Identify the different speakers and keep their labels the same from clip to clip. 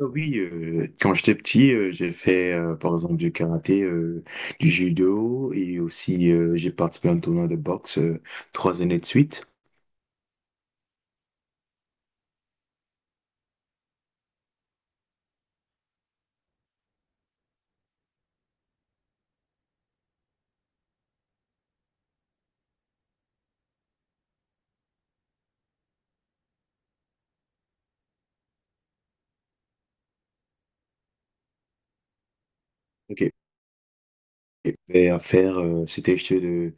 Speaker 1: Oui, quand j'étais petit, j'ai fait par exemple du karaté, du judo et aussi j'ai participé à un tournoi de boxe 3 années de suite. Ok. Et à faire, c'était juste de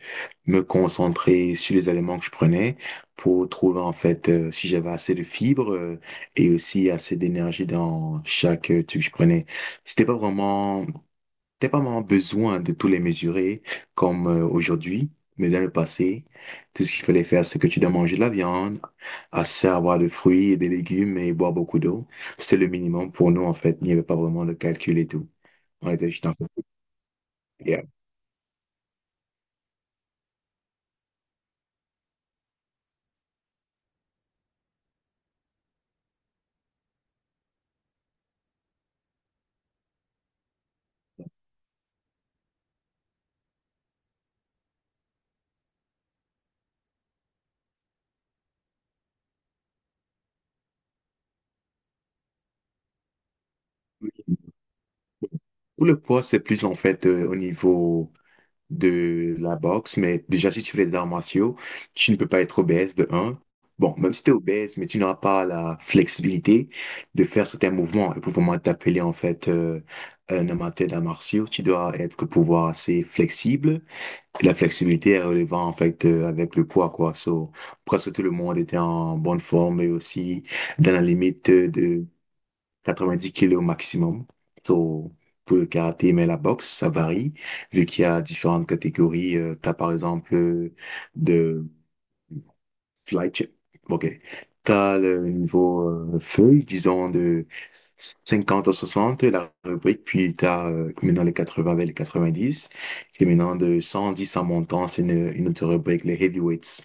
Speaker 1: me concentrer sur les aliments que je prenais pour trouver en fait si j'avais assez de fibres et aussi assez d'énergie dans chaque truc que je prenais. C'était pas vraiment t'es pas vraiment besoin de tous les mesurer comme aujourd'hui, mais dans le passé, tout ce qu'il fallait faire, c'est que tu dois manger de la viande, assez avoir de fruits et des légumes et boire beaucoup d'eau. C'était le minimum pour nous, en fait. Il n'y avait pas vraiment de calcul et tout. On était juste en fait. Yeah. Pour le poids, c'est plus en fait au niveau de la boxe, mais déjà, si tu fais les arts martiaux, tu ne peux pas être obèse de un. Bon, même si tu es obèse, mais tu n'auras pas la flexibilité de faire certains mouvements. Et pour vraiment t'appeler, en fait, un amateur d'arts martiaux, tu dois être pouvoir assez flexible. Et la flexibilité est relevant, en fait, avec le poids, quoi. So, presque tout le monde était en bonne forme et aussi dans la limite de 90 kilos au maximum. So, pour le karaté, mais la boxe, ça varie, vu qu'il y a différentes catégories. T'as par exemple de fly chip. OK. T'as le niveau feuille, disons de 50 à 60 la rubrique, puis t'as maintenant les 80 avec les 90. Et maintenant de 110 en montant, c'est une autre rubrique, les heavyweights.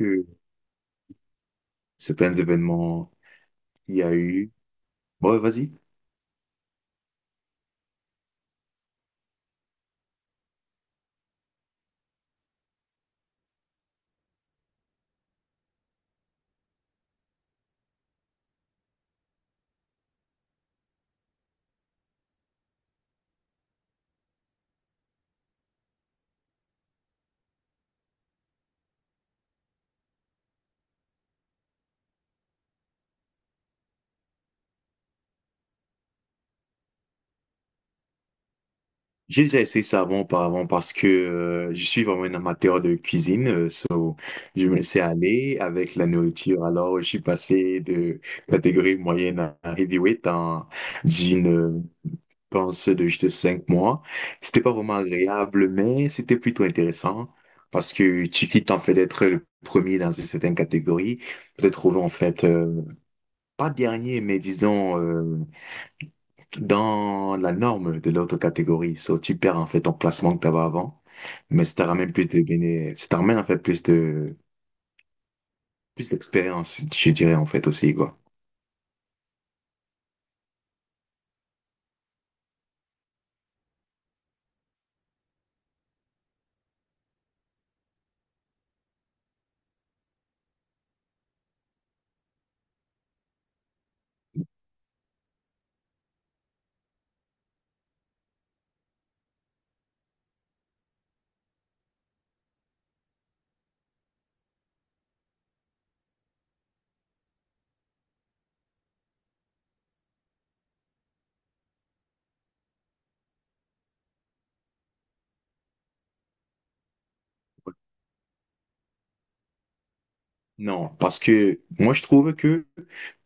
Speaker 1: Euh, C'est un événement qu'il y a eu. Bon, vas-y. J'ai déjà essayé ça avant, auparavant, parce que je suis vraiment un amateur de cuisine. So, je me laissais aller avec la nourriture. Alors, je suis passé de catégorie moyenne à heavyweight en d'une, pense, de juste 5 mois. C'était pas vraiment agréable, mais c'était plutôt intéressant parce que tu quittes en fait d'être le premier dans une certaine catégorie, peut-être trouver en fait, pas dernier, mais disons, dans la norme de l'autre catégorie. So, tu perds en fait ton classement que tu avais avant, mais ça te ramène en fait plus d'expérience, je dirais en fait aussi quoi. Non, parce que moi je trouve que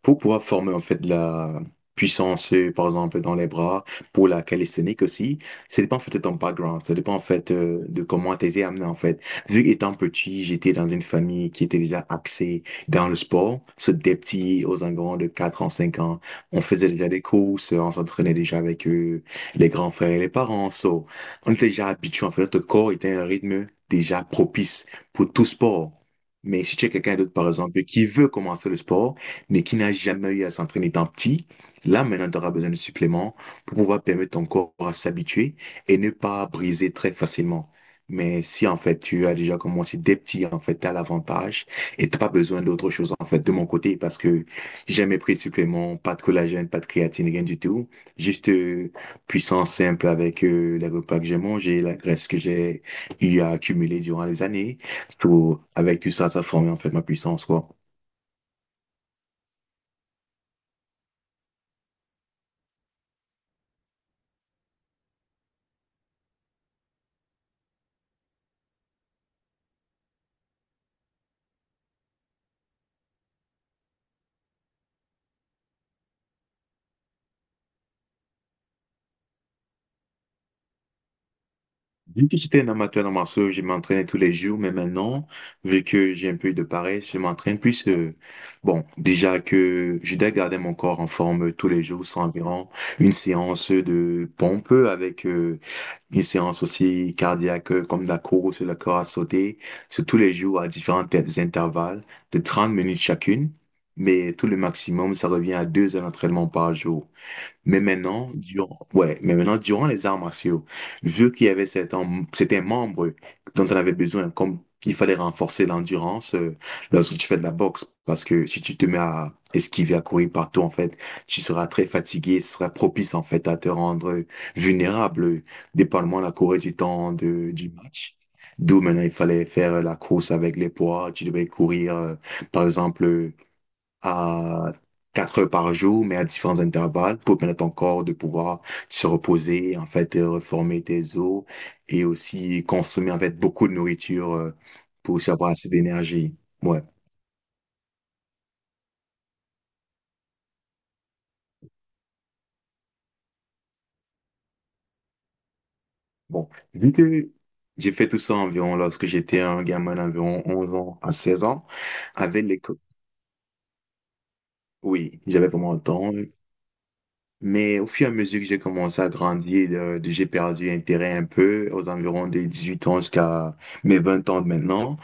Speaker 1: pour pouvoir former en fait de la puissance, par exemple dans les bras, pour la calisthénique aussi, ça dépend en fait de ton background, ça dépend en fait de comment t'as été amené en fait. Vu qu'étant petit, j'étais dans une famille qui était déjà axée dans le sport, c'est des petits aux environs de 4 ans, 5 ans, on faisait déjà des courses, on s'entraînait déjà avec eux, les grands frères et les parents, so, on était déjà habitués en fait, notre corps était à un rythme déjà propice pour tout sport. Mais si tu es quelqu'un d'autre, par exemple, qui veut commencer le sport, mais qui n'a jamais eu à s'entraîner tant petit, là, maintenant, tu auras besoin de suppléments pour pouvoir permettre ton corps à s'habituer et ne pas briser très facilement. Mais si, en fait, tu as déjà commencé dès petit, en fait, tu as l'avantage et t'as pas besoin d'autre chose, en fait, de mon côté, parce que j'ai jamais pris de suppléments, pas de collagène, pas de créatine, rien du tout. Juste puissance simple avec les repas que j'ai mangés, la graisse que j'ai eu à accumuler durant les années. Tout, avec tout ça, ça a formé en fait ma puissance, quoi. Vu que j'étais un amateur de martiaux, je m'entraînais tous les jours, mais maintenant, vu que j'ai un peu de paresse, je m'entraîne plus. Bon, déjà que je dois garder mon corps en forme tous les jours, c'est environ une séance de pompe avec une séance aussi cardiaque comme de la course, le corps à sauter, c'est tous les jours à différents intervalles de 30 minutes chacune, mais tout le maximum, ça revient à 2 heures d'entraînement par jour. Ouais, mais maintenant, durant les arts martiaux, vu qu'il y avait certains membres dont on avait besoin, comme il fallait renforcer l'endurance lorsque tu fais de la boxe, parce que si tu te mets à esquiver, à courir partout, en fait, tu seras très fatigué, ce sera propice, en fait, à te rendre vulnérable, dépendamment de la courée du temps du match. D'où maintenant, il fallait faire la course avec les poids, tu devais courir, par exemple, à 4 heures par jour, mais à différents intervalles pour permettre à ton corps de pouvoir se reposer, en fait, et reformer tes os et aussi consommer, en fait, beaucoup de nourriture pour aussi avoir assez d'énergie. Ouais. Bon. Vu que j'ai fait tout ça environ lorsque j'étais un gamin d'environ 11 ans à 16 ans, avec l'école. Oui, j'avais vraiment le temps, hein. Mais au fur et à mesure que j'ai commencé à grandir, j'ai perdu intérêt un peu aux environs des 18 ans jusqu'à mes 20 ans de maintenant.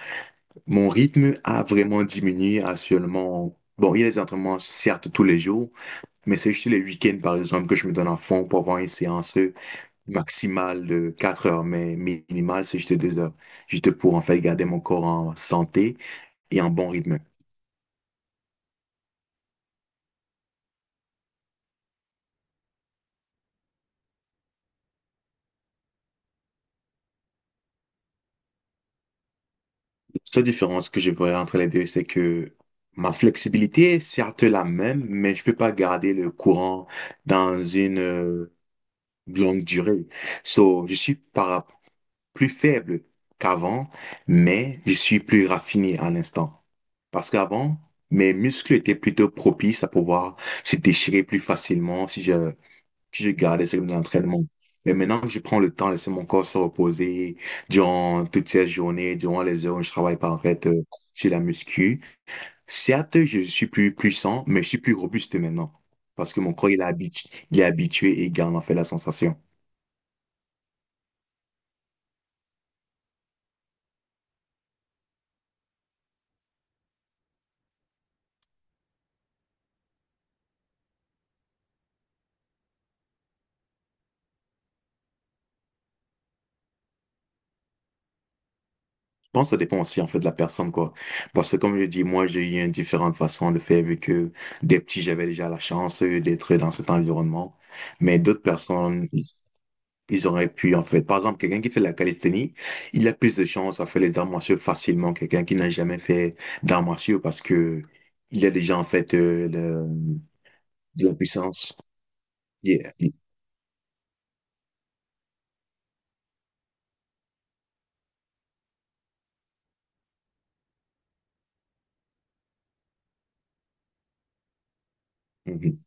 Speaker 1: Mon rythme a vraiment diminué à seulement. Bon, il y a des entraînements, certes, tous les jours, mais c'est juste les week-ends, par exemple, que je me donne à fond pour avoir une séance maximale de 4 heures, mais minimale, c'est juste 2 heures. Juste pour, en fait, garder mon corps en santé et en bon rythme. La seule différence que je vois entre les deux, c'est que ma flexibilité est certes la même, mais je peux pas garder le courant dans une longue durée. So, je suis par plus faible qu'avant, mais je suis plus raffiné à l'instant. Parce qu'avant, mes muscles étaient plutôt propices à pouvoir se déchirer plus facilement si je gardais ce rythme d'entraînement. Mais maintenant que je prends le temps de laisser mon corps se reposer durant toutes ces journées, durant les heures où je travaille pas en fait sur la muscu, certes, je suis plus puissant, mais je suis plus robuste maintenant. Parce que mon corps, il est habitué et il garde en fait la sensation. Pense que ça dépend aussi en fait de la personne quoi. Parce que comme je dis, moi j'ai eu une différente façon de faire vu que des petits j'avais déjà la chance d'être dans cet environnement, mais d'autres personnes ils auraient pu en fait. Par exemple, quelqu'un qui fait de la calisthénie, il a plus de chances à faire les arts martiaux facilement que quelqu'un qui n'a jamais fait d'arts martiaux parce que il a déjà en fait de la puissance. Yeah. Mhm.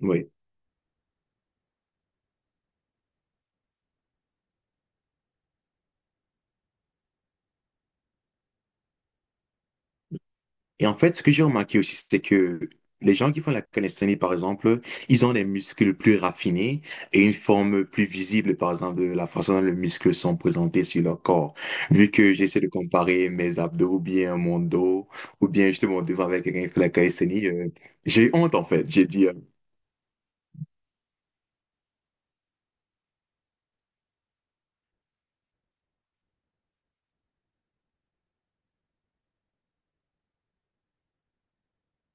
Speaker 1: Oui. Et en fait, ce que j'ai remarqué aussi, c'est que les gens qui font la calisthénie, par exemple, ils ont des muscles plus raffinés et une forme plus visible, par exemple, de la façon dont les muscles sont présentés sur leur corps. Vu que j'essaie de comparer mes abdos ou bien mon dos, ou bien justement devant avec quelqu'un qui fait la calisthénie, j'ai honte, en fait. J'ai dit,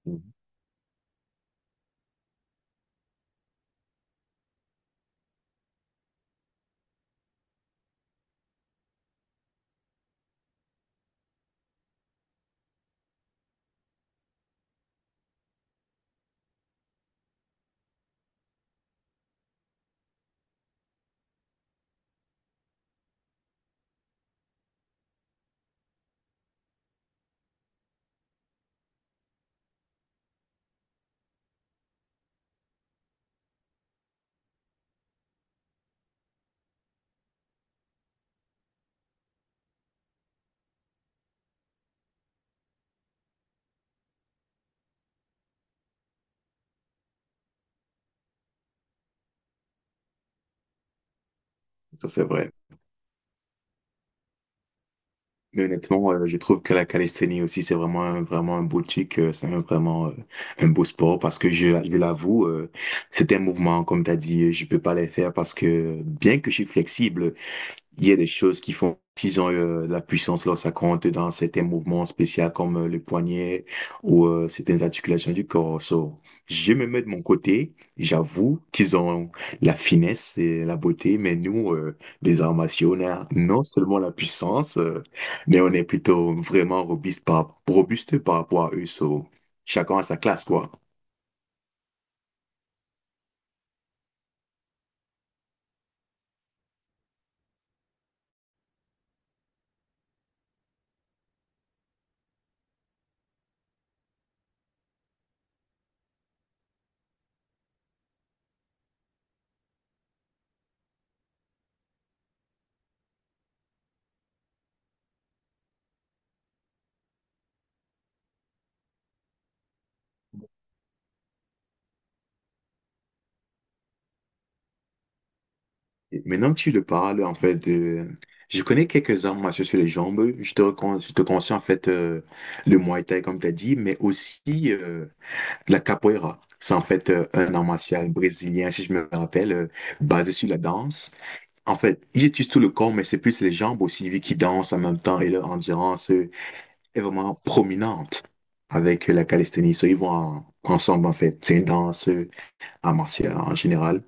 Speaker 1: Mhm. Ça c'est vrai. Mais honnêtement, je trouve que la calisthénie aussi, c'est vraiment, vraiment un beau truc, c'est vraiment un beau sport parce que je l'avoue, c'est un mouvement, comme tu as dit, je peux pas les faire parce que bien que je suis flexible, il y a des choses qui font qu'ils ont de la puissance lorsque ça compte dans certains mouvements spéciaux comme le poignet ou certaines articulations du corps. So, je me mets de mon côté, j'avoue qu'ils ont la finesse et la beauté, mais nous, les arts martiaux, on a non seulement la puissance, mais on est plutôt vraiment robuste par rapport à eux. So, chacun à sa classe, quoi. Maintenant que tu le parles, en fait, de je connais quelques arts martiaux sur les jambes. Je te conseille, en fait, le Muay Thai, comme tu as dit, mais aussi euh, la capoeira. C'est, en fait, un art martial brésilien, si je me rappelle, basé sur la danse. En fait, ils utilisent tout le corps, mais c'est plus les jambes aussi, vu qu'ils dansent en même temps et leur endurance est vraiment prominente avec la calisthénie. So, ils vont ensemble, en fait. C'est une danse, art martial en général.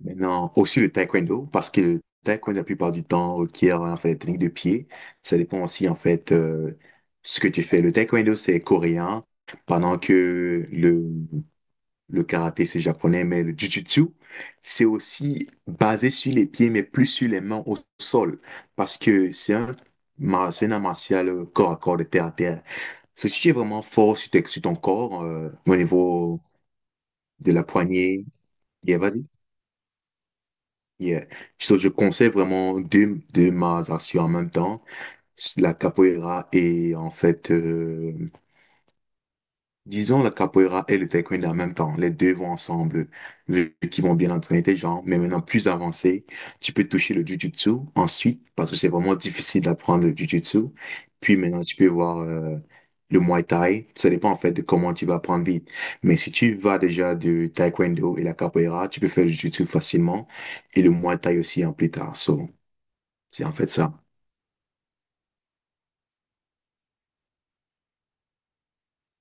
Speaker 1: Maintenant, aussi le taekwondo, parce que le taekwondo, la plupart du temps, requiert en fait des techniques de pied. Ça dépend aussi, en fait, ce que tu fais. Le taekwondo, c'est coréen, pendant que le karaté, c'est japonais, mais le jujutsu, c'est aussi basé sur les pieds, mais plus sur les mains au sol, parce que c'est un art martial corps à corps, de terre à terre. Ceci est vraiment fort sur ton corps, au niveau de la poignée. Et vas-y. Yeah. So, je conseille vraiment deux arts martiaux en même temps, la capoeira et en fait, disons la capoeira et le taekwondo en même temps. Les deux vont ensemble, vu qu'ils vont bien entraîner tes jambes. Mais maintenant, plus avancé, tu peux toucher le jujutsu ensuite, parce que c'est vraiment difficile d'apprendre le jujutsu. Puis maintenant, tu peux voir le muay thai. Ça dépend en fait de comment tu vas apprendre vite. Mais si tu vas déjà du taekwondo et la capoeira, tu peux faire le jujutsu facilement et le muay thai aussi en plus tard. So, c'est en fait ça.